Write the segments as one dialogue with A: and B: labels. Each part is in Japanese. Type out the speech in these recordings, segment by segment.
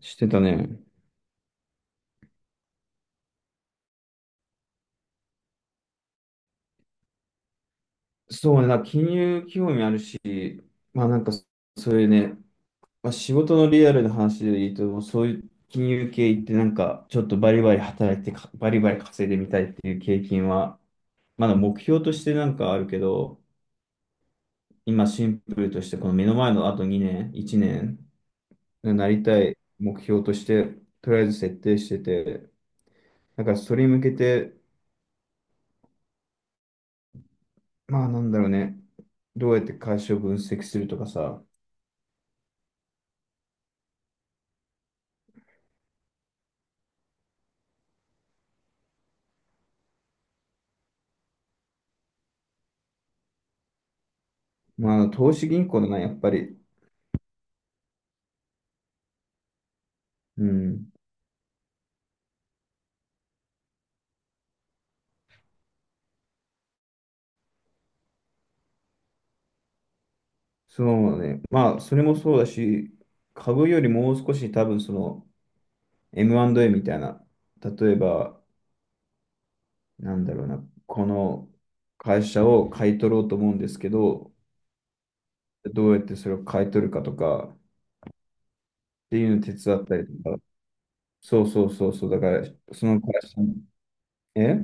A: してたね。そうね、だから金融興味あるし、まあなんか、そういうね、まあ、仕事のリアルな話で言うと、そういう金融系行ってなんか、ちょっとバリバリ稼いでみたいっていう経験は、まだ目標としてなんかあるけど、今シンプルとして、この目の前のあと2年、1年、なりたい目標として、とりあえず設定してて、だからそれに向けて、まあなんだろうね、どうやって会社を分析するとかさ。まあ、投資銀行だな、やっぱり。うん。そうね。まあ、それもそうだし、株よりもう少し多分その M&A みたいな、例えば、なんだろうな、この会社を買い取ろうと思うんですけど、どうやってそれを買い取るかとかっていうのを手伝ったりとか。そうそうそうそう、だから、その会社に、え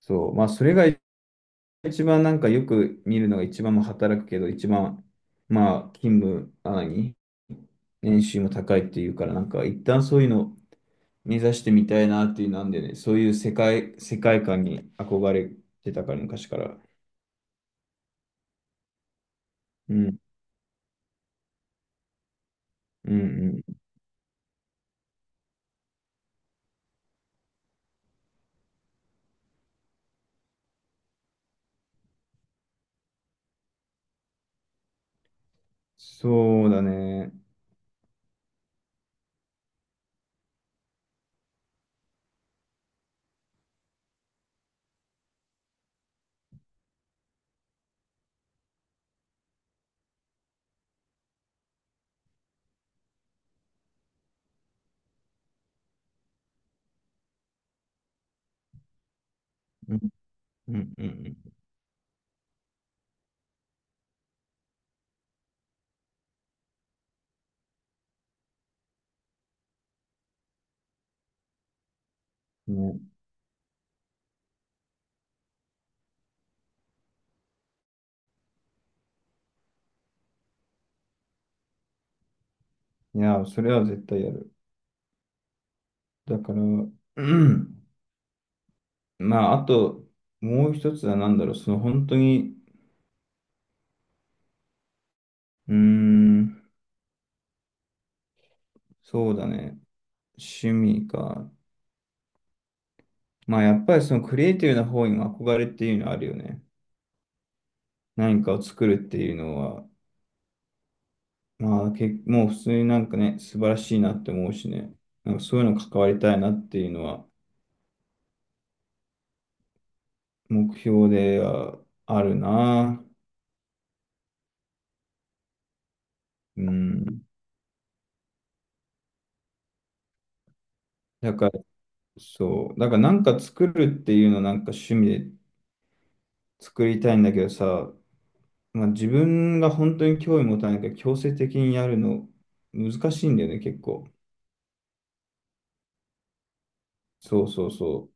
A: そう、まあ、それが一番なんかよく見るのが一番も働くけど、一番、まあ、勤務、あ、何年収も高いっていうから、なんか一旦そういうの目指してみたいなっていうなんでね、そういう世界観に憧れてたから、昔から。うん、うん、うん。そうだね。うん、うん、うん。うんね、いや、それは絶対やる。だから、んまあ、あと、もう一つは何だろう、その本当に、うーん、そうだね。趣味か。まあ、やっぱりそのクリエイティブな方にも憧れっていうのはあるよね。何かを作るっていうのは、まあ、もう普通になんかね、素晴らしいなって思うしね。なんかそういうの関わりたいなっていうのは目標ではあるな。うん。だから、そう。だからなんか作るっていうのなんか趣味で作りたいんだけどさ、まあ自分が本当に興味持たないから強制的にやるの難しいんだよね、結構。そうそうそ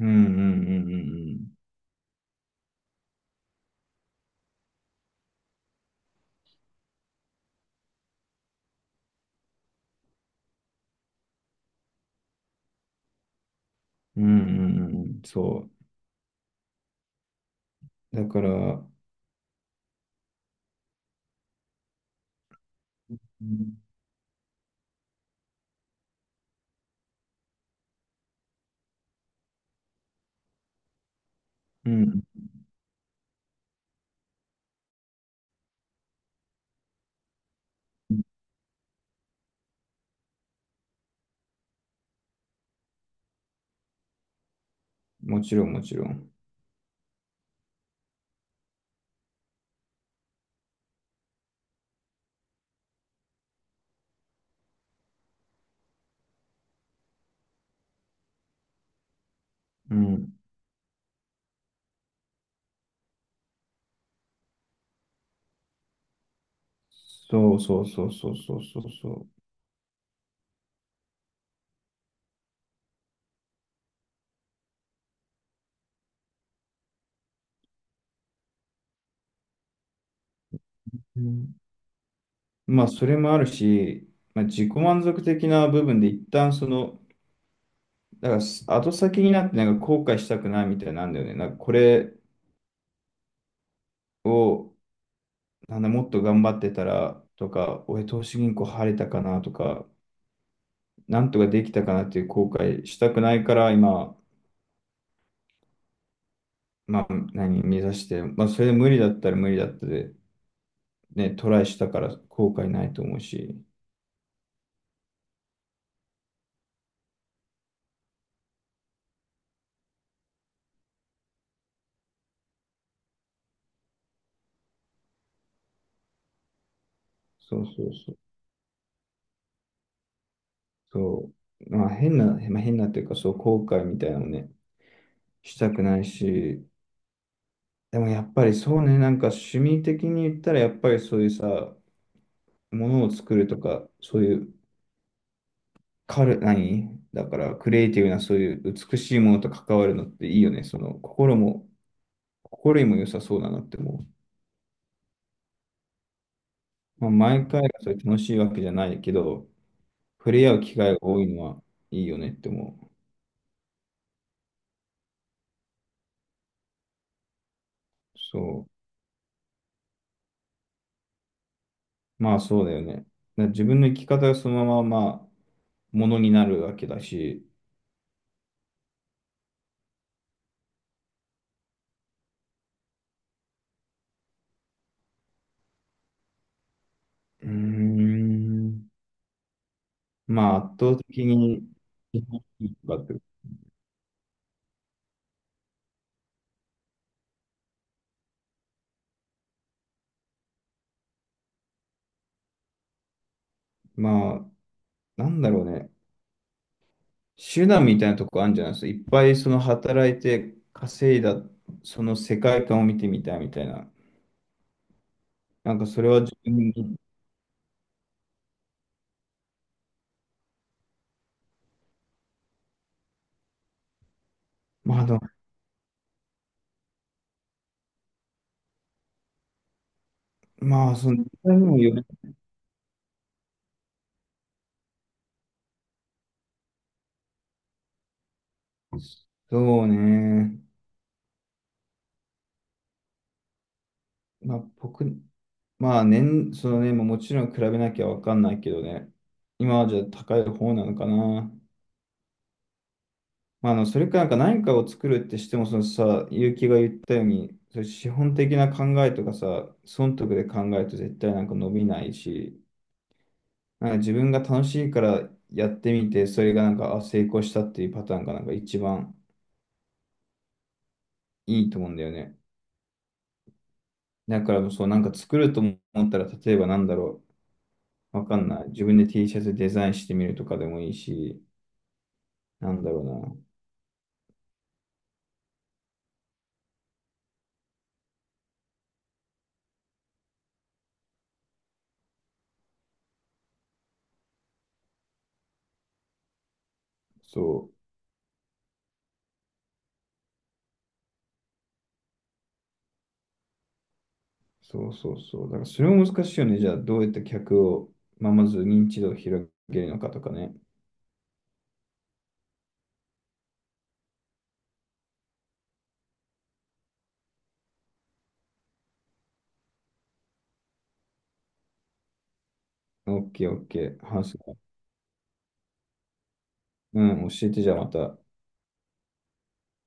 A: う。うんうんうんうんうん。うんうんうんうん。そう。だから、うん。もちろんもちろん。うんそうそうそうそうそうそうそううん。まあ、それもあるし、まあ、自己満足的な部分で一旦その、だから後先になってなんか後悔したくないみたいなんだよね。なんかこれを、なんだ、もっと頑張ってたらとか、俺投資銀行入れたかなとか、なんとかできたかなっていう後悔したくないから今、まあ、何、目指して、まあ、それで無理だったら無理だったで、ね、トライしたから後悔ないと思うし。そうそうそう。そう、まあ変なっていうか、そう、後悔みたいなのね、したくないし、でもやっぱりそうね、なんか趣味的に言ったら、やっぱりそういうさ、ものを作るとか、そういう、カル、何だから、クリエイティブな、そういう美しいものと関わるのっていいよね。その、心にも良さそうだなって思う。まあ、毎回がそれ楽しいわけじゃないけど、触れ合う機会が多いのはいいよねって思う。そう。まあ、そうだよね。だから自分の生き方がそのまま、まあ、ものになるわけだし、うーん、まあ圧倒的に、まあ、なんだろうね、手段みたいなとこあるんじゃないですか。いっぱいその働いて稼いだ、その世界観を見てみたいみたいな。なんかそれは自分に、まあ、でもまあ、その、自分にもよる。そうね。まあ、僕、まあ、そのね、まあもちろん比べなきゃわかんないけどね。今はじゃあ高い方なのかな。まあ、あの、それかなんか何かを作るってしても、そのさ、結城が言ったように、そういう資本的な考えとかさ、損得で考えると絶対なんか伸びないし、なんか自分が楽しいからやってみて、それがなんか、あ、成功したっていうパターンがなんか一番いいと思うんだよね。だからもうそう、なんか作ると思ったら、例えばなんだろう、わかんない。自分で T シャツデザインしてみるとかでもいいし、なんだろうな。そう。そうそうそう。だからそれも難しいよね。じゃあ、どうやって客を、まあ、まず認知度を広げるのかとかね。オッケーオッケー。話す。うん、教えてじゃあまた。